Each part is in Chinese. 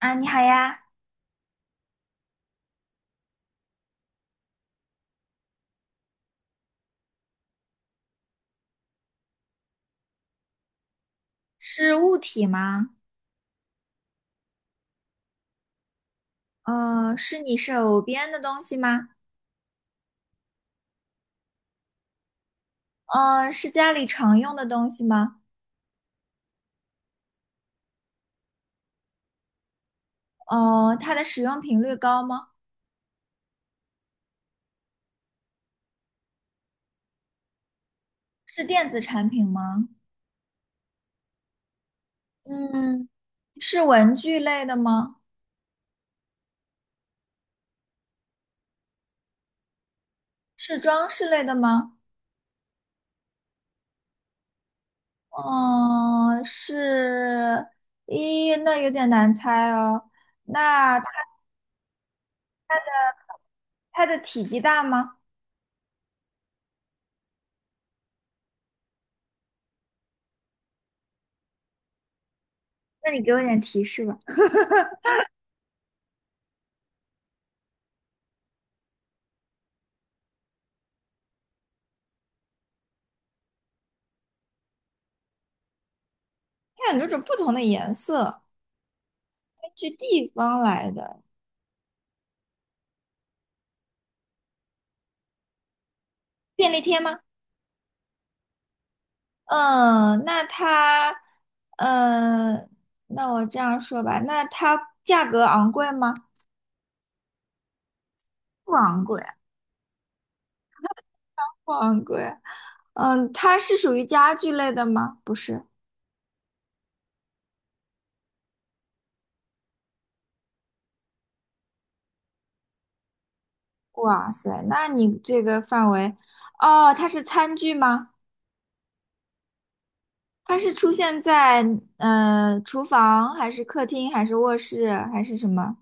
啊，你好呀。是物体吗？嗯，是你手边的东西吗？嗯，是家里常用的东西吗？嗯，它的使用频率高吗？是电子产品吗？嗯，是文具类的吗？是装饰类的吗？嗯，是，咦，那有点难猜哦。那它它的体积大吗？那你给我点提示吧。它有很多种不同的颜色，根据地方来的。便利贴吗？嗯，那它，嗯，那我这样说吧，那它价格昂贵吗？不昂贵。不昂贵。嗯，它是属于家具类的吗？不是。哇塞，那你这个范围，哦，它是餐具吗？它是出现在厨房还是客厅还是卧室还是什么？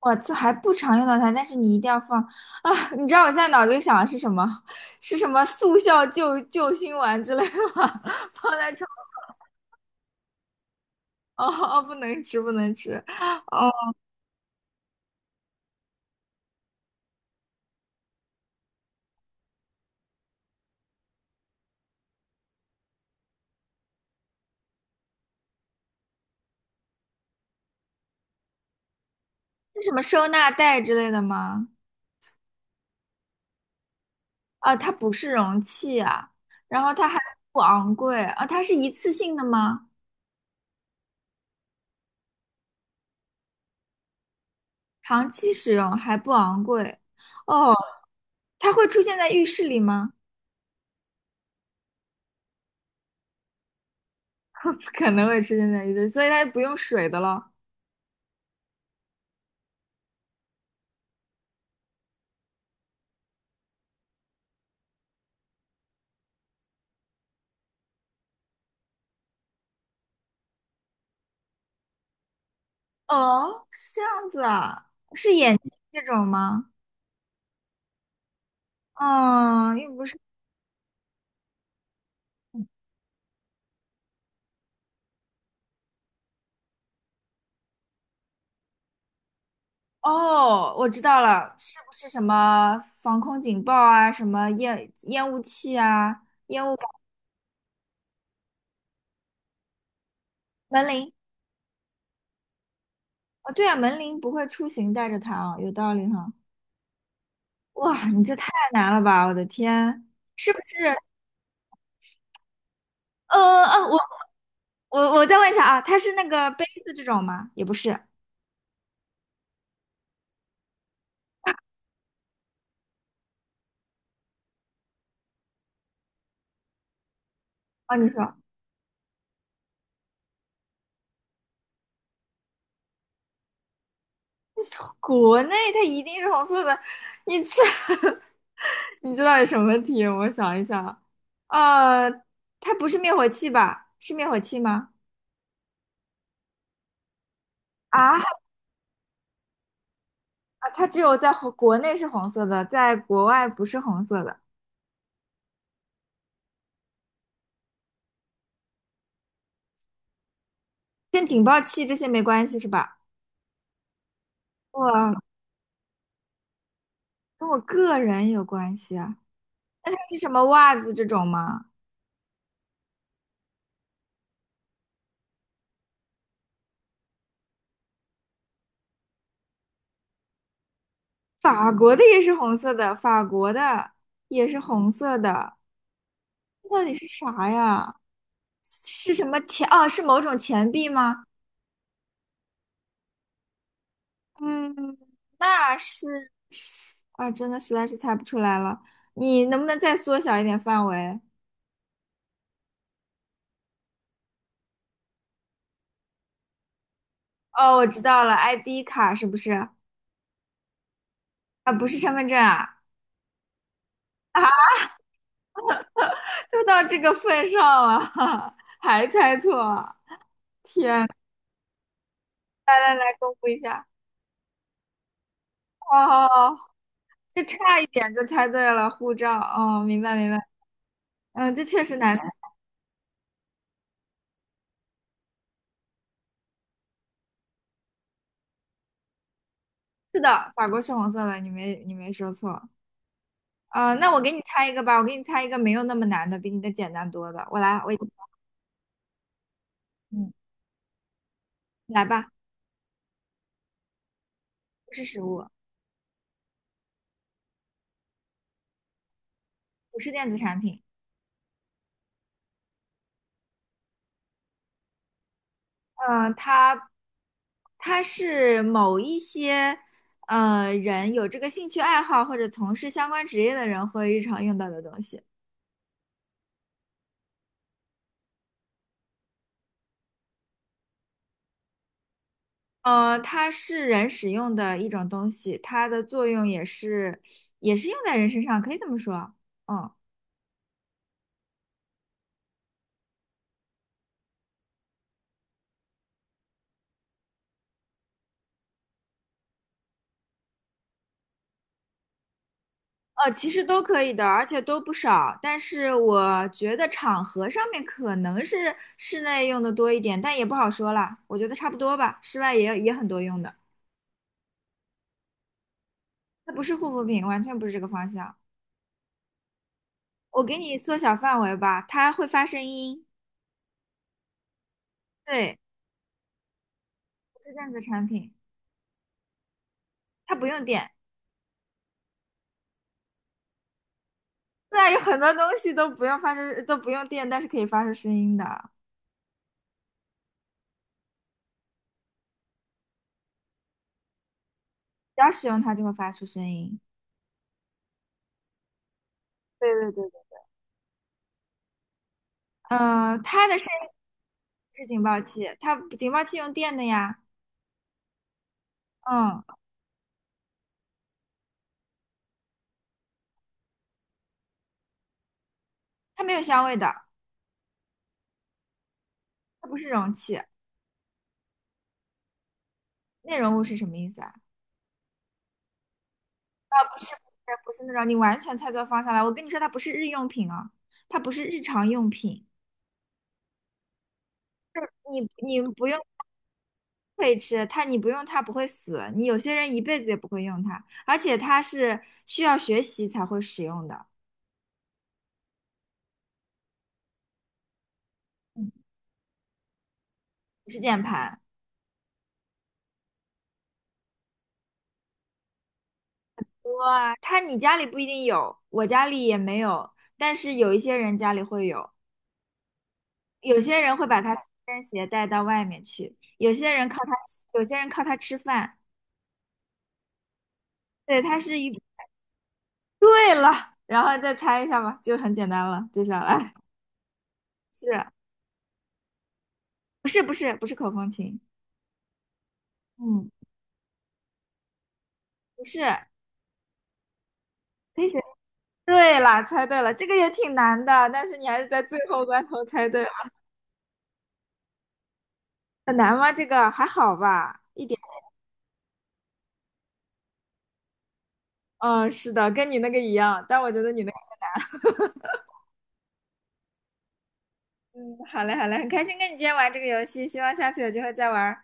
我这还不常用到它，但是你一定要放啊！你知道我现在脑子里想的是什么？是什么速效救心丸之类的吗？放在床哦，哦不能吃，不能吃哦。是什么收纳袋之类的吗？啊，它不是容器啊，然后它还不昂贵啊，它是一次性的吗？长期使用还不昂贵哦，它会出现在浴室里吗？不可能会出现在浴室，所以它就不用水的了。哦，是这样子啊，是眼睛这种吗？嗯，又不是。哦，我知道了，是不是什么防空警报啊，什么烟雾器啊，烟雾门铃？哦，对啊，门铃不会出行带着它啊，有道理哈。哇，你这太难了吧，我的天，是不是？我我再问一下啊，它是那个杯子这种吗？也不是。哦，你说，国内它一定是红色的，你这 你知道有什么题？我想一想，呃，它不是灭火器吧？是灭火器吗？啊，啊它只有在国内是红色的，在国外不是红色的，跟警报器这些没关系是吧？哇，跟我个人有关系啊。那它是什么袜子这种吗？法国的也是红色的，法国的也是红色的，这到底是啥呀？是什么钱？哦，是某种钱币吗？嗯，那是啊，真的实在是猜不出来了。你能不能再缩小一点范围？哦，我知道了，ID 卡是不是？啊，不是身份证啊！啊，都到这个份上了，还猜错！天，来来来，公布一下。哦，这差一点就猜对了，护照。哦，明白明白。嗯，这确实难猜。是的，法国是红色的，你没说错。啊，那我给你猜一个吧，我给你猜一个没有那么难的，比你的简单多的。我来，我。嗯，来吧，不是食物，不是电子产品，它它是某一些人有这个兴趣爱好或者从事相关职业的人会日常用到的东西，呃，它是人使用的一种东西，它的作用也是用在人身上，可以这么说，嗯。呃，其实都可以的，而且都不少。但是我觉得场合上面可能是室内用的多一点，但也不好说啦。我觉得差不多吧，室外也很多用的。它不是护肤品，完全不是这个方向。我给你缩小范围吧，它会发声音，对，不是电子产品，它不用电。对啊，有很多东西都不用发出，都不用电，但是可以发出声音的，只要使用它就会发出声音。对对对对，嗯，它的声音是警报器，它警报器用电的呀。嗯，它没有香味的，它不是容器。内容物是什么意思啊？啊，不是不是那种，你完全猜错方向了。我跟你说，它不是日用品啊，它不是日常用品。你你不用可以吃它，你不用它不会死。你有些人一辈子也不会用它，而且它是需要学习才会使用的，嗯不是键盘。哇，它你家里不一定有，我家里也没有，但是有一些人家里会有，有些人会把它随身携带到外面去，有些人靠它吃，有些人靠它吃饭。对，它是一，对了，然后再猜一下吧，就很简单了，接下来 是不是不是口风琴？嗯，不是，可以写。对啦，猜对了，这个也挺难的，但是你还是在最后关头猜对了，很难吗？这个还好吧，一点。嗯，是的，跟你那个一样，但我觉得你那个，嗯，好嘞，好嘞，很开心跟你今天玩这个游戏，希望下次有机会再玩。